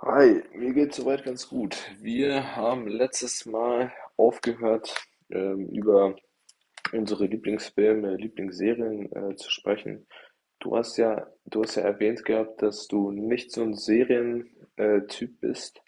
Hi, mir geht's soweit ganz gut. Wir haben letztes Mal aufgehört, über unsere Lieblingsfilme, Lieblingsserien, zu sprechen. Du hast ja erwähnt gehabt, dass du nicht so ein Serientyp bist.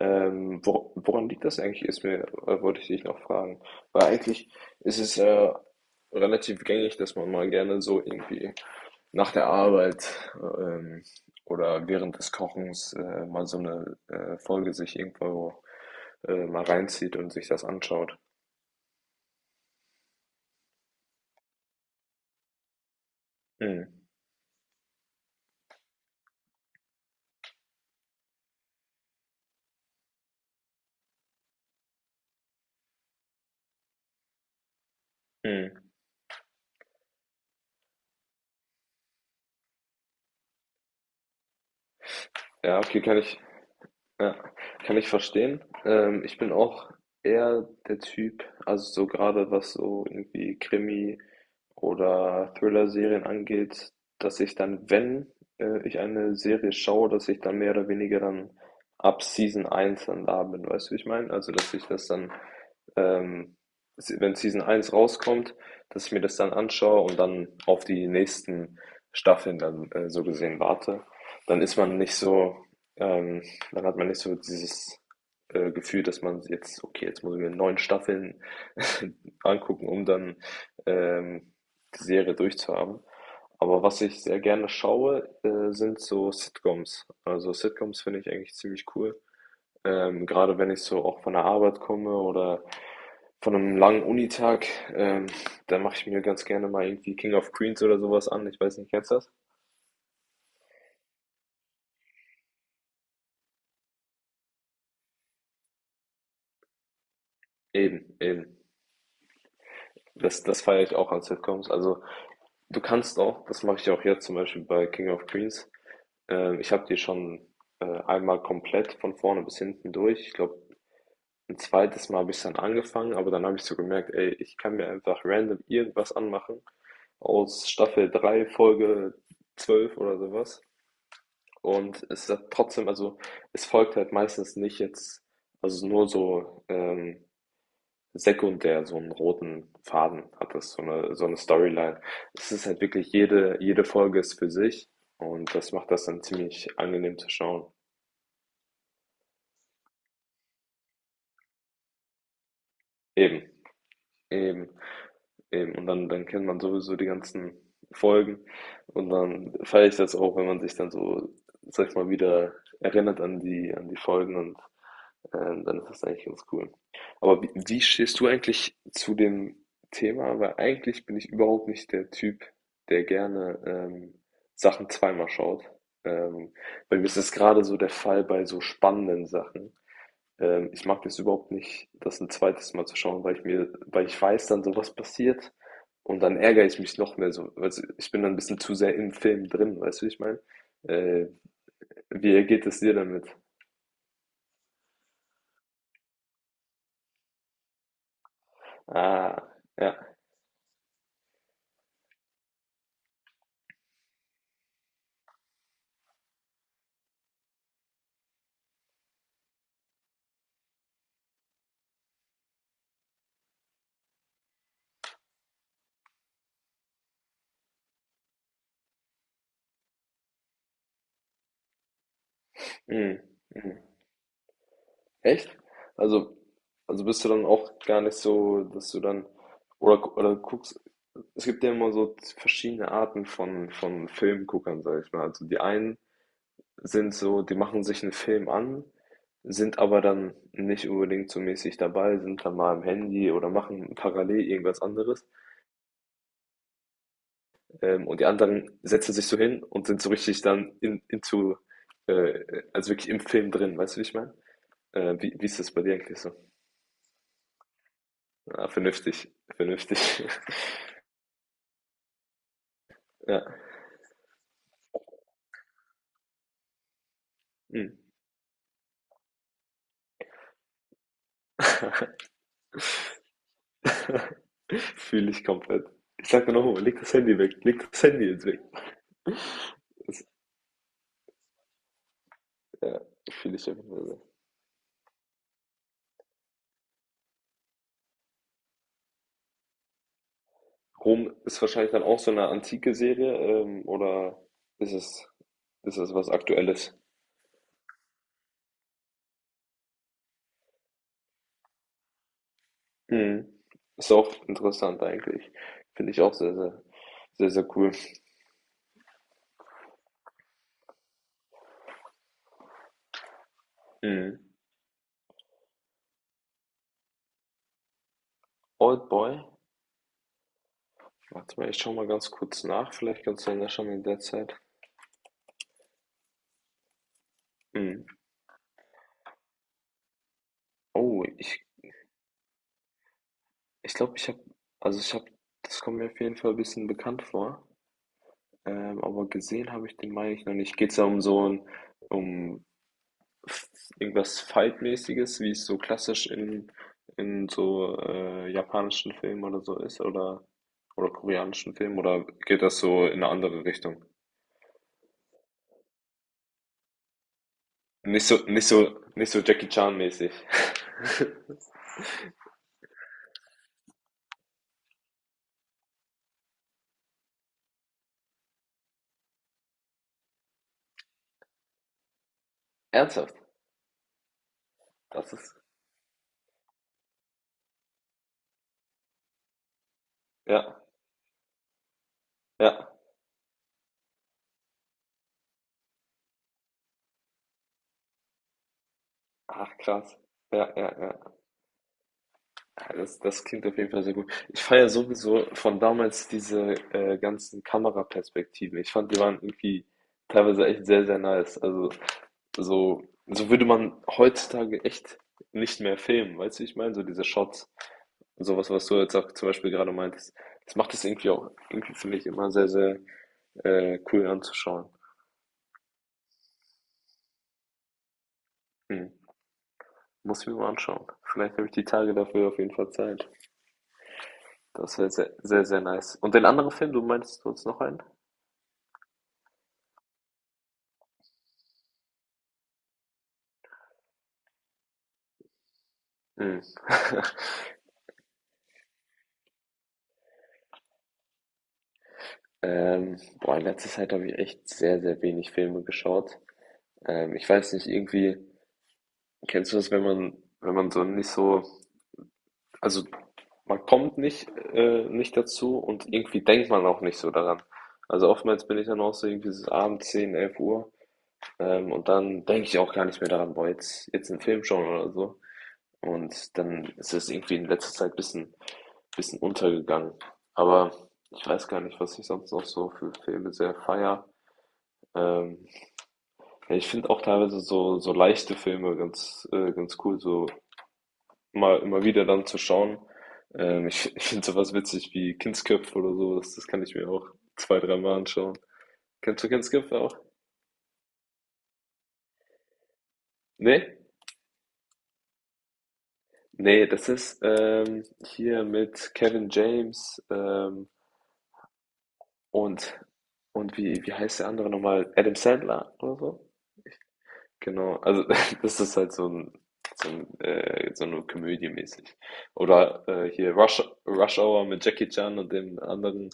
Woran liegt das eigentlich, ist mir, wollte ich dich noch fragen. Weil eigentlich ist es relativ gängig, dass man mal gerne so irgendwie nach der Arbeit, ähm, oder während des Kochens mal so eine Folge sich irgendwo mal reinzieht und sich das anschaut. Mhm. Mhm. Ja, okay, ja, kann ich verstehen. Ich bin auch eher der Typ, also so gerade was so irgendwie Krimi oder Thriller-Serien angeht, dass ich dann, wenn ich eine Serie schaue, dass ich dann mehr oder weniger dann ab Season eins dann da bin, weißt du, wie ich meine? Also, dass ich das dann, ähm, wenn Season eins rauskommt, dass ich mir das dann anschaue und dann auf die nächsten Staffeln dann, so gesehen, warte. Dann ist man nicht so, ähm, dann hat man nicht so dieses Gefühl, dass man jetzt, okay, jetzt muss ich mir neun Staffeln angucken, um dann, ähm, die Serie durchzuhaben. Aber was ich sehr gerne schaue, sind so Sitcoms. Also Sitcoms finde ich eigentlich ziemlich cool. Gerade wenn ich so auch von der Arbeit komme oder von einem langen Unitag, ähm, dann mache ich mir ganz gerne mal irgendwie King of Queens oder sowas an. Ich weiß nicht, kennst du das? Eben, eben. Das feiere ich auch an Sitcoms. Also du kannst auch, das mache ich auch jetzt zum Beispiel bei King of Queens. Ich habe die schon einmal komplett von vorne bis hinten durch. Ich glaube, ein zweites Mal habe ich dann angefangen, aber dann habe ich so gemerkt, ey, ich kann mir einfach random irgendwas anmachen aus Staffel 3 Folge 12 oder sowas. Und es hat trotzdem, also es folgt halt meistens nicht jetzt, also nur so, sekundär so einen roten Faden hat das, so eine Storyline. Es ist halt wirklich jede Folge ist für sich und das macht das dann ziemlich angenehm zu schauen. Eben, eben. Eben, und dann kennt man sowieso die ganzen Folgen und dann feiere ich das auch, wenn man sich dann so, sag ich mal, wieder erinnert an die Folgen, und dann ist das eigentlich ganz cool. Aber wie stehst du eigentlich zu dem Thema? Weil eigentlich bin ich überhaupt nicht der Typ, der gerne Sachen zweimal schaut. Ähm, Bei mir ist das gerade so der Fall bei so spannenden Sachen. Ich mag das überhaupt nicht, das ein zweites Mal zu schauen, weil ich weiß dann, so was passiert, und dann ärgere ich mich noch mehr so. Weißt du, ich bin dann ein bisschen zu sehr im Film drin, weißt du, wie ich meine? Äh, Wie geht es dir damit? Ah, ja. Mhm. Mhm. Echt? Also, also bist du dann auch gar nicht so, dass du dann, oder guckst, es gibt ja immer so verschiedene Arten von Filmguckern, sag ich mal. Also die einen sind so, die machen sich einen Film an, sind aber dann nicht unbedingt so mäßig dabei, sind dann mal am Handy oder machen parallel irgendwas anderes. Und die anderen setzen sich so hin und sind so richtig dann in into, also wirklich im Film drin, weißt du, wie ich meine? Wie ist das bei dir eigentlich so? Ah, vernünftig, vernünftig. Ja, mhm. Fühle ich komplett. Ich sag dir noch mal: „Leg das Handy weg, leg das Handy jetzt weg." Das, ja, fühle ich einfach. Rom ist wahrscheinlich dann auch so eine antike Serie, oder ist es, ist es was Aktuelles? Mhm. Ist auch interessant eigentlich. Finde ich auch sehr, sehr, sehr, sehr cool. Mhm. Oldboy? Warte mal, ich schaue mal ganz kurz nach, vielleicht kannst du ja nachschauen in der Zeit. Mhm. Oh, ich glaube, ich habe also, ich habe, das kommt mir auf jeden Fall ein bisschen bekannt vor, aber gesehen habe ich den, meine ich, noch nicht. Geht's da um so ein, um f- irgendwas Fight-mäßiges, wie es so klassisch in so, japanischen Filmen oder so ist, oder koreanischen Filmen, oder geht das so in eine andere Richtung? Nicht so, nicht so, nicht so Jackie Chan-mäßig. Ernsthaft? Das ist, ja, ja. Ach, krass. Ja, ja, ja. Ja, das, das klingt auf jeden Fall sehr gut. Ich feiere sowieso von damals diese, ganzen Kameraperspektiven. Ich fand, die waren irgendwie teilweise echt sehr, sehr nice. Also so würde man heutzutage echt nicht mehr filmen, weißt du, wie ich meine? So diese Shots, sowas, was du jetzt auch zum Beispiel gerade meintest. Das macht es irgendwie auch, irgendwie finde ich immer sehr, sehr, cool anzuschauen. Hm. Muss ich mir mal anschauen. Vielleicht habe ich die Tage dafür auf jeden Fall Zeit. Das wäre sehr, sehr, sehr nice. Und den anderen Film, du meinst, du hast noch einen? Mhm. Boah, in letzter Zeit habe ich echt sehr, sehr wenig Filme geschaut. Ich weiß nicht, irgendwie, kennst du das, wenn man, wenn man so nicht so, also man kommt nicht, nicht dazu, und irgendwie denkt man auch nicht so daran. Also oftmals bin ich dann auch so irgendwie so abends 10, 11 Uhr, und dann denke ich auch gar nicht mehr daran, boah, jetzt, jetzt einen Film schauen oder so. Und dann ist es irgendwie in letzter Zeit ein bisschen untergegangen. Aber ich weiß gar nicht, was ich sonst noch so für Filme sehr feier. Ähm, ja, ich finde auch teilweise so, so leichte Filme ganz, ganz cool, so mal immer wieder dann zu schauen. Ich finde sowas witzig wie Kindsköpfe oder sowas, das kann ich mir auch zwei-, dreimal anschauen. Kennst du Kindsköpfe auch? Nee? Nee, das ist, hier mit Kevin James, und wie heißt der andere noch mal? Adam Sandler oder so? Genau, also das ist halt so 'n, so 'ne Komödie mäßig. Oder, hier Rush Hour mit Jackie Chan und dem anderen,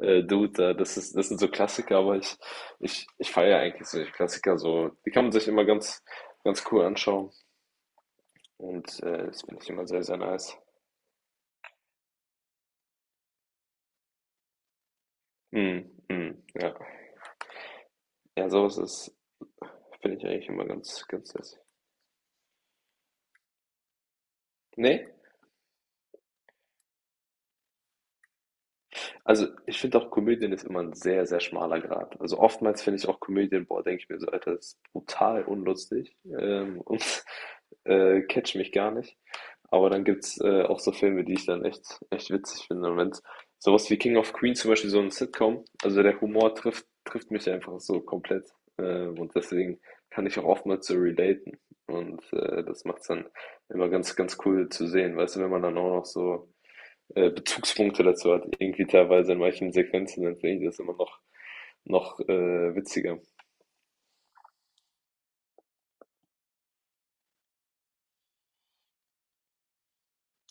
Dude da. Das sind so Klassiker, aber ich feiere eigentlich solche Klassiker so. Die kann man sich immer ganz cool anschauen, und, das finde ich immer sehr, sehr nice. Mhm, mhm, ja. Ja, sowas ist, finde ich, eigentlich immer ganz nice. Ne? Also, ich finde auch, Komödien ist immer ein sehr, sehr schmaler Grat. Also, oftmals finde ich auch Komödien, boah, denke ich mir so: „Alter, das ist brutal unlustig, catcht mich gar nicht." Aber dann gibt's, auch so Filme, die ich dann echt witzig finde. Und wenn's so was wie „King of Queens" zum Beispiel, so ein Sitcom also, der Humor trifft mich einfach so komplett, und deswegen kann ich auch oftmals so relaten. Und, das macht's dann immer ganz, ganz cool zu sehen, weißt du, wenn man dann auch noch so, Bezugspunkte dazu hat, irgendwie teilweise in manchen Sequenzen, dann finde ich das immer noch, noch, witziger.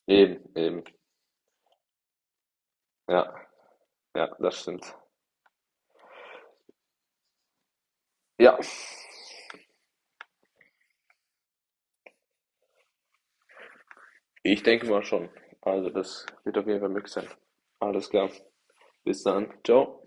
Eben, eben. Ja, ja, das stimmt. Ja, ich denke mal schon. Also das wird auf jeden Fall möglich sein. Alles klar. Bis dann. Ciao.